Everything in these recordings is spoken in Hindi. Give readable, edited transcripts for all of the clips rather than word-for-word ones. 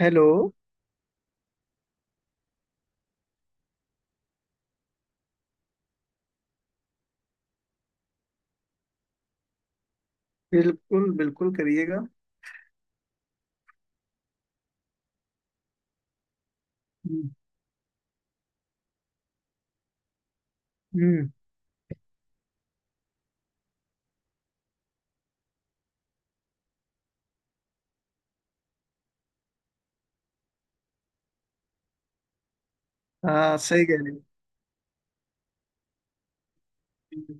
हेलो। बिल्कुल बिल्कुल करिएगा। हम्म हम्म, हाँ सही कह रहे हो।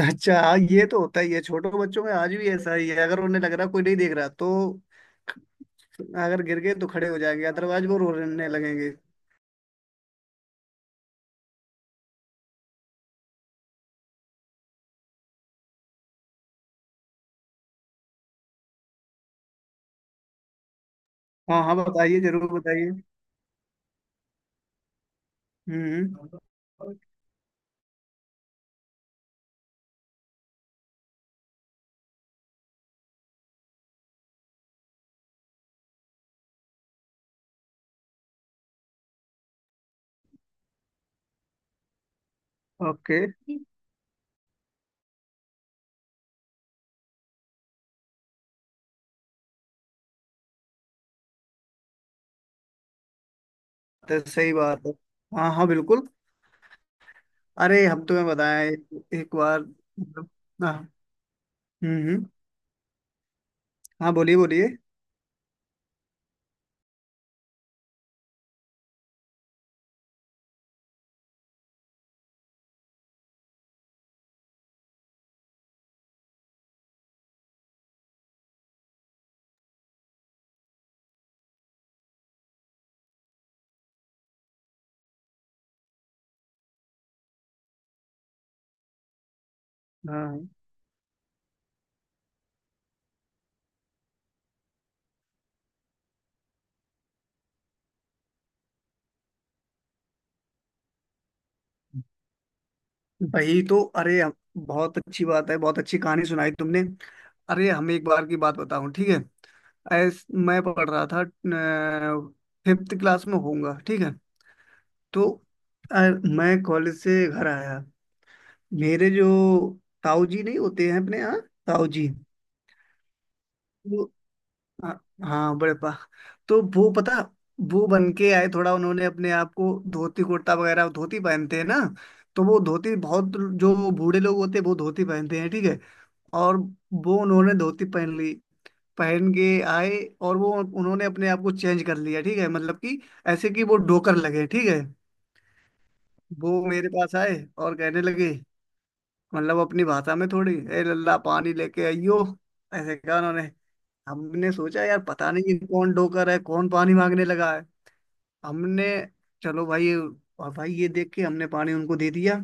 अच्छा, हाँ ये तो होता ही है छोटे बच्चों में, आज भी ऐसा ही है। अगर उन्हें लग रहा कोई नहीं देख रहा तो अगर गिर गए तो खड़े हो जाएंगे, अदरवाइज वो रोने लगेंगे। हाँ हाँ, बताइए, जरूर बताइए। हम्म। ओके, तो सही बात है। हाँ हाँ, बिल्कुल। अरे हम तुम्हें बताएं एक, एक बार मतलब- हाँ। हम्म हम्म, हाँ बोलिए बोलिए। हाँ भाई तो अरे हम- बहुत अच्छी बात है, बहुत अच्छी कहानी सुनाई तुमने। अरे हम एक बार की बात बताऊं, ठीक है? ऐस मैं पढ़ रहा था, फिफ्थ क्लास में होऊंगा, ठीक है। तो अ, मैं कॉलेज से घर आया। मेरे जो ताऊ जी नहीं होते हैं अपने यहाँ, ताऊ जी? वो हाँ हाँ, बड़े पा तो वो, पता, वो बन के आए थोड़ा। उन्होंने अपने आप को धोती कुर्ता वगैरह, धोती पहनते हैं ना, तो वो धोती, बहुत जो बूढ़े लोग होते हैं वो धोती पहनते हैं, ठीक है। और वो, उन्होंने धोती पहन ली, पहन के आए। और वो, उन्होंने अपने आप को चेंज कर लिया ठीक है, मतलब कि ऐसे कि वो डोकर लगे, ठीक है। वो मेरे पास आए और कहने लगे, मतलब अपनी भाषा में, थोड़ी ए लल्ला पानी लेके आइयो, ऐसे कहा उन्होंने। हमने सोचा यार पता नहीं ये कौन डोकर है, कौन पानी मांगने लगा है। हमने चलो भाई, ये, और भाई ये देख के हमने पानी उनको दे दिया,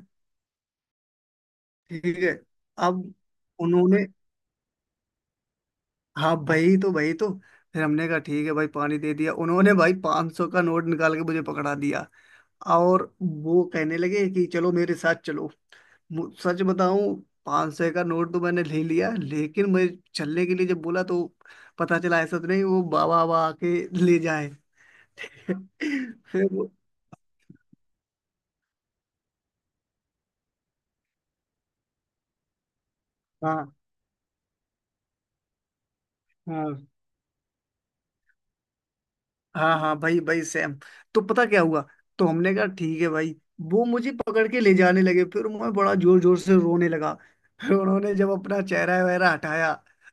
ठीक है। अब उन्होंने हाँ भाई तो फिर हमने कहा ठीक है भाई, पानी दे दिया। उन्होंने भाई 500 सौ का नोट निकाल के मुझे पकड़ा दिया। और वो कहने लगे कि चलो मेरे साथ चलो। सच बताऊं, 500 सौ का नोट तो मैंने ले लिया, लेकिन मैं, चलने के लिए जब बोला तो पता चला ऐसा तो नहीं वो बाबा बाबा आके ले जाए। फिर वो हाँ हाँ हाँ हाँ भाई भाई सेम। तो पता क्या हुआ, तो हमने कहा ठीक है भाई, वो मुझे पकड़ के ले जाने लगे, फिर मैं बड़ा जोर जोर से रोने लगा। फिर उन्होंने जब अपना चेहरा वगैरह हटाया,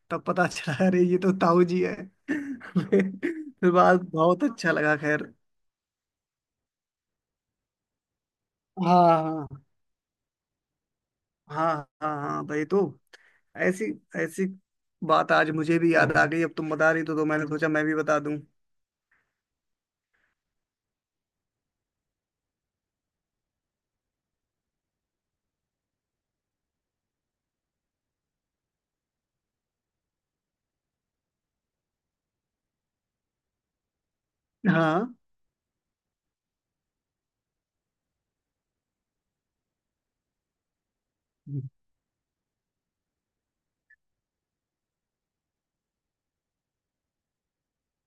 तब पता चला अरे ये तो ताऊ जी है। फिर बाद बहुत अच्छा लगा, खैर। हाँ हाँ हाँ। हाँ हाँ भाई तो ऐसी ऐसी बात आज मुझे भी याद आ गई। अब तुम बता रही तो मैंने सोचा मैं भी बता दूं। हाँ।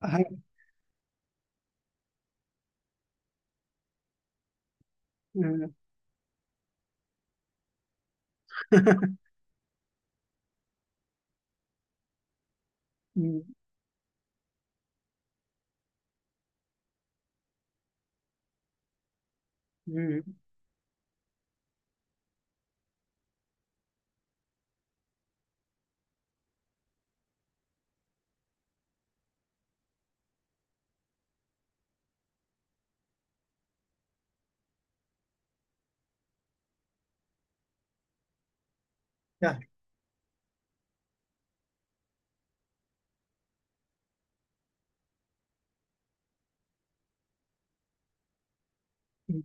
हाँ। हम्म, हम्म, हम्म, क्या? हम्म,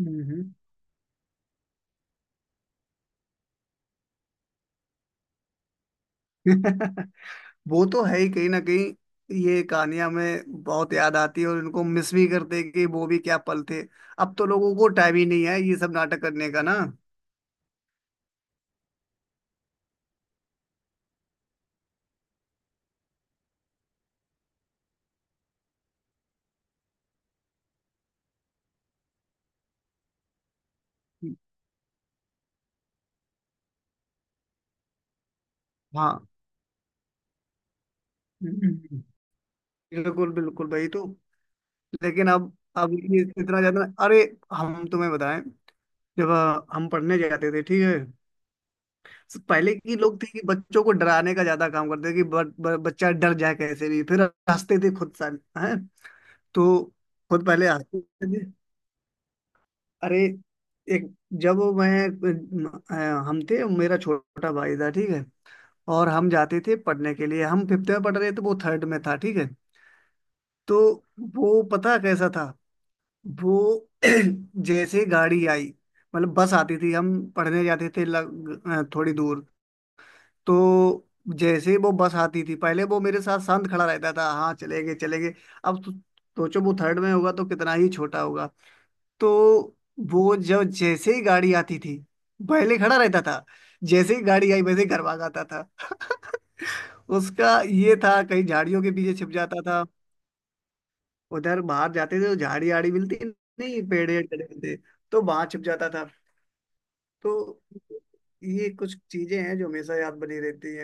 हम्म। वो तो है ही कहीं ना कहीं, ये कहानियां हमें बहुत याद आती है और इनको मिस भी करते हैं कि वो भी क्या पल थे। अब तो लोगों को टाइम ही नहीं है ये सब नाटक करने का ना। हाँ। हम्म। बिल्कुल बिल्कुल भाई। तो लेकिन अब ये इतना ज्यादा, अरे हम तुम्हें बताएं, जब हम पढ़ने जाते थे, ठीक है। तो पहले की लोग थे कि बच्चों को डराने का ज्यादा काम करते थे कि ब, ब, बच्चा डर जाए कैसे भी, फिर हंसते थे खुद सा, हैं। तो खुद पहले हंसते थे। अरे एक जब मैं अ, हम थे, मेरा छोटा भाई था, ठीक है। और हम जाते थे पढ़ने के लिए, हम फिफ्थ में पढ़ रहे थे, वो थर्ड में था, ठीक है। तो वो पता कैसा था, वो, जैसे गाड़ी आई, मतलब बस आती थी, हम पढ़ने जाते थे थोड़ी दूर। तो जैसे वो बस आती थी, पहले वो मेरे साथ शांत खड़ा रहता था, हाँ, चले गए चले गए। अब तो सोचो वो थर्ड में होगा तो कितना ही छोटा होगा। तो वो, जब जैसे ही गाड़ी आती थी, पहले खड़ा रहता था, जैसे ही गाड़ी आई वैसे ही घर भाग आता था। उसका ये था कहीं झाड़ियों के पीछे छिप जाता था, उधर बाहर जाते थे तो झाड़ी आड़ी मिलती नहीं, पेड़ वेड़ खड़े होते, तो वहां छिप जाता था। तो ये कुछ चीजें हैं जो हमेशा याद बनी रहती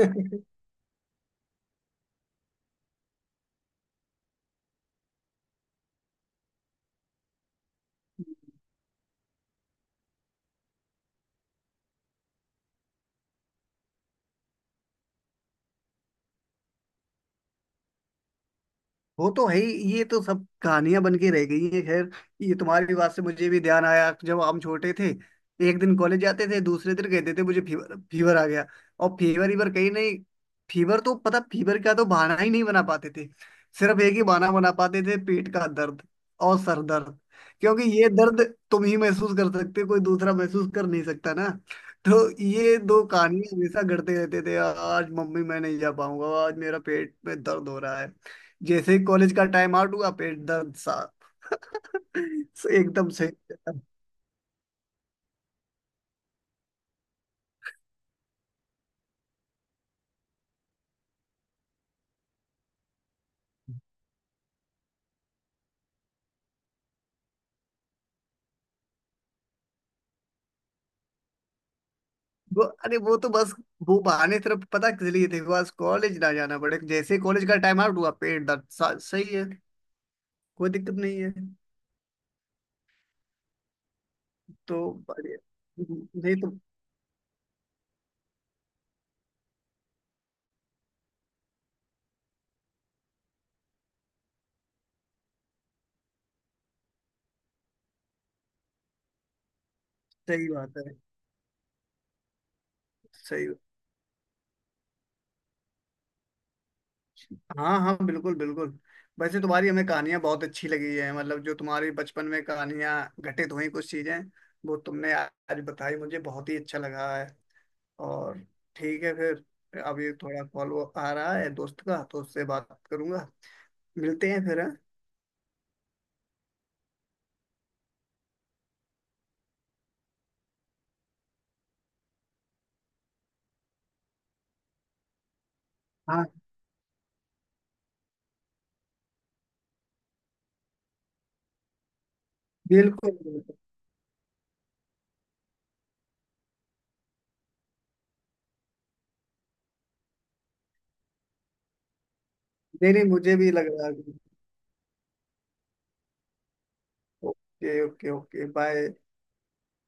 हैं। वो तो है ही, ये तो सब कहानियां बन के रह गई है खैर। ये तुम्हारी बात से मुझे भी ध्यान आया, जब हम छोटे थे, एक दिन कॉलेज जाते थे, दूसरे दिन कहते थे मुझे फीवर फीवर आ गया। और फीवर ईवर कहीं नहीं, फीवर तो पता, फीवर का तो बहाना ही नहीं बना पाते थे। सिर्फ एक ही बहाना बना पाते थे, पेट का दर्द और सर दर्द। क्योंकि ये दर्द तुम ही महसूस कर सकते हो, कोई दूसरा महसूस कर नहीं सकता ना। तो ये दो कहानियां हमेशा गढ़ते रहते थे, आज मम्मी मैं नहीं जा पाऊंगा, आज मेरा पेट में दर्द हो रहा है। जैसे ही कॉलेज का टाइम आउट हुआ, पेट दर्द साहब। सो एकदम सही। वो अरे वो तो बस वो बहाने सिर्फ पता किस लिए थे, बस कॉलेज ना जाना पड़े। जैसे ही कॉलेज का टाइम आउट हुआ, पेट दर्द सही है, कोई दिक्कत नहीं है। तो बढ़िया। नहीं तो सही बात है, सही। हाँ हाँ, बिल्कुल बिल्कुल। वैसे तुम्हारी हमें कहानियां बहुत अच्छी लगी है मतलब जो तुम्हारी बचपन में कहानियां घटित हुई कुछ चीजें, वो तुमने आज बताई, मुझे बहुत ही अच्छा लगा है। और ठीक है फिर, अभी थोड़ा कॉल आ रहा है दोस्त का तो उससे बात करूंगा, मिलते हैं फिर, हाँ। हाँ, बिल्कुल बिल्कुल। नहीं नहीं, मुझे भी लग रहा है। Okay okay okay, bye.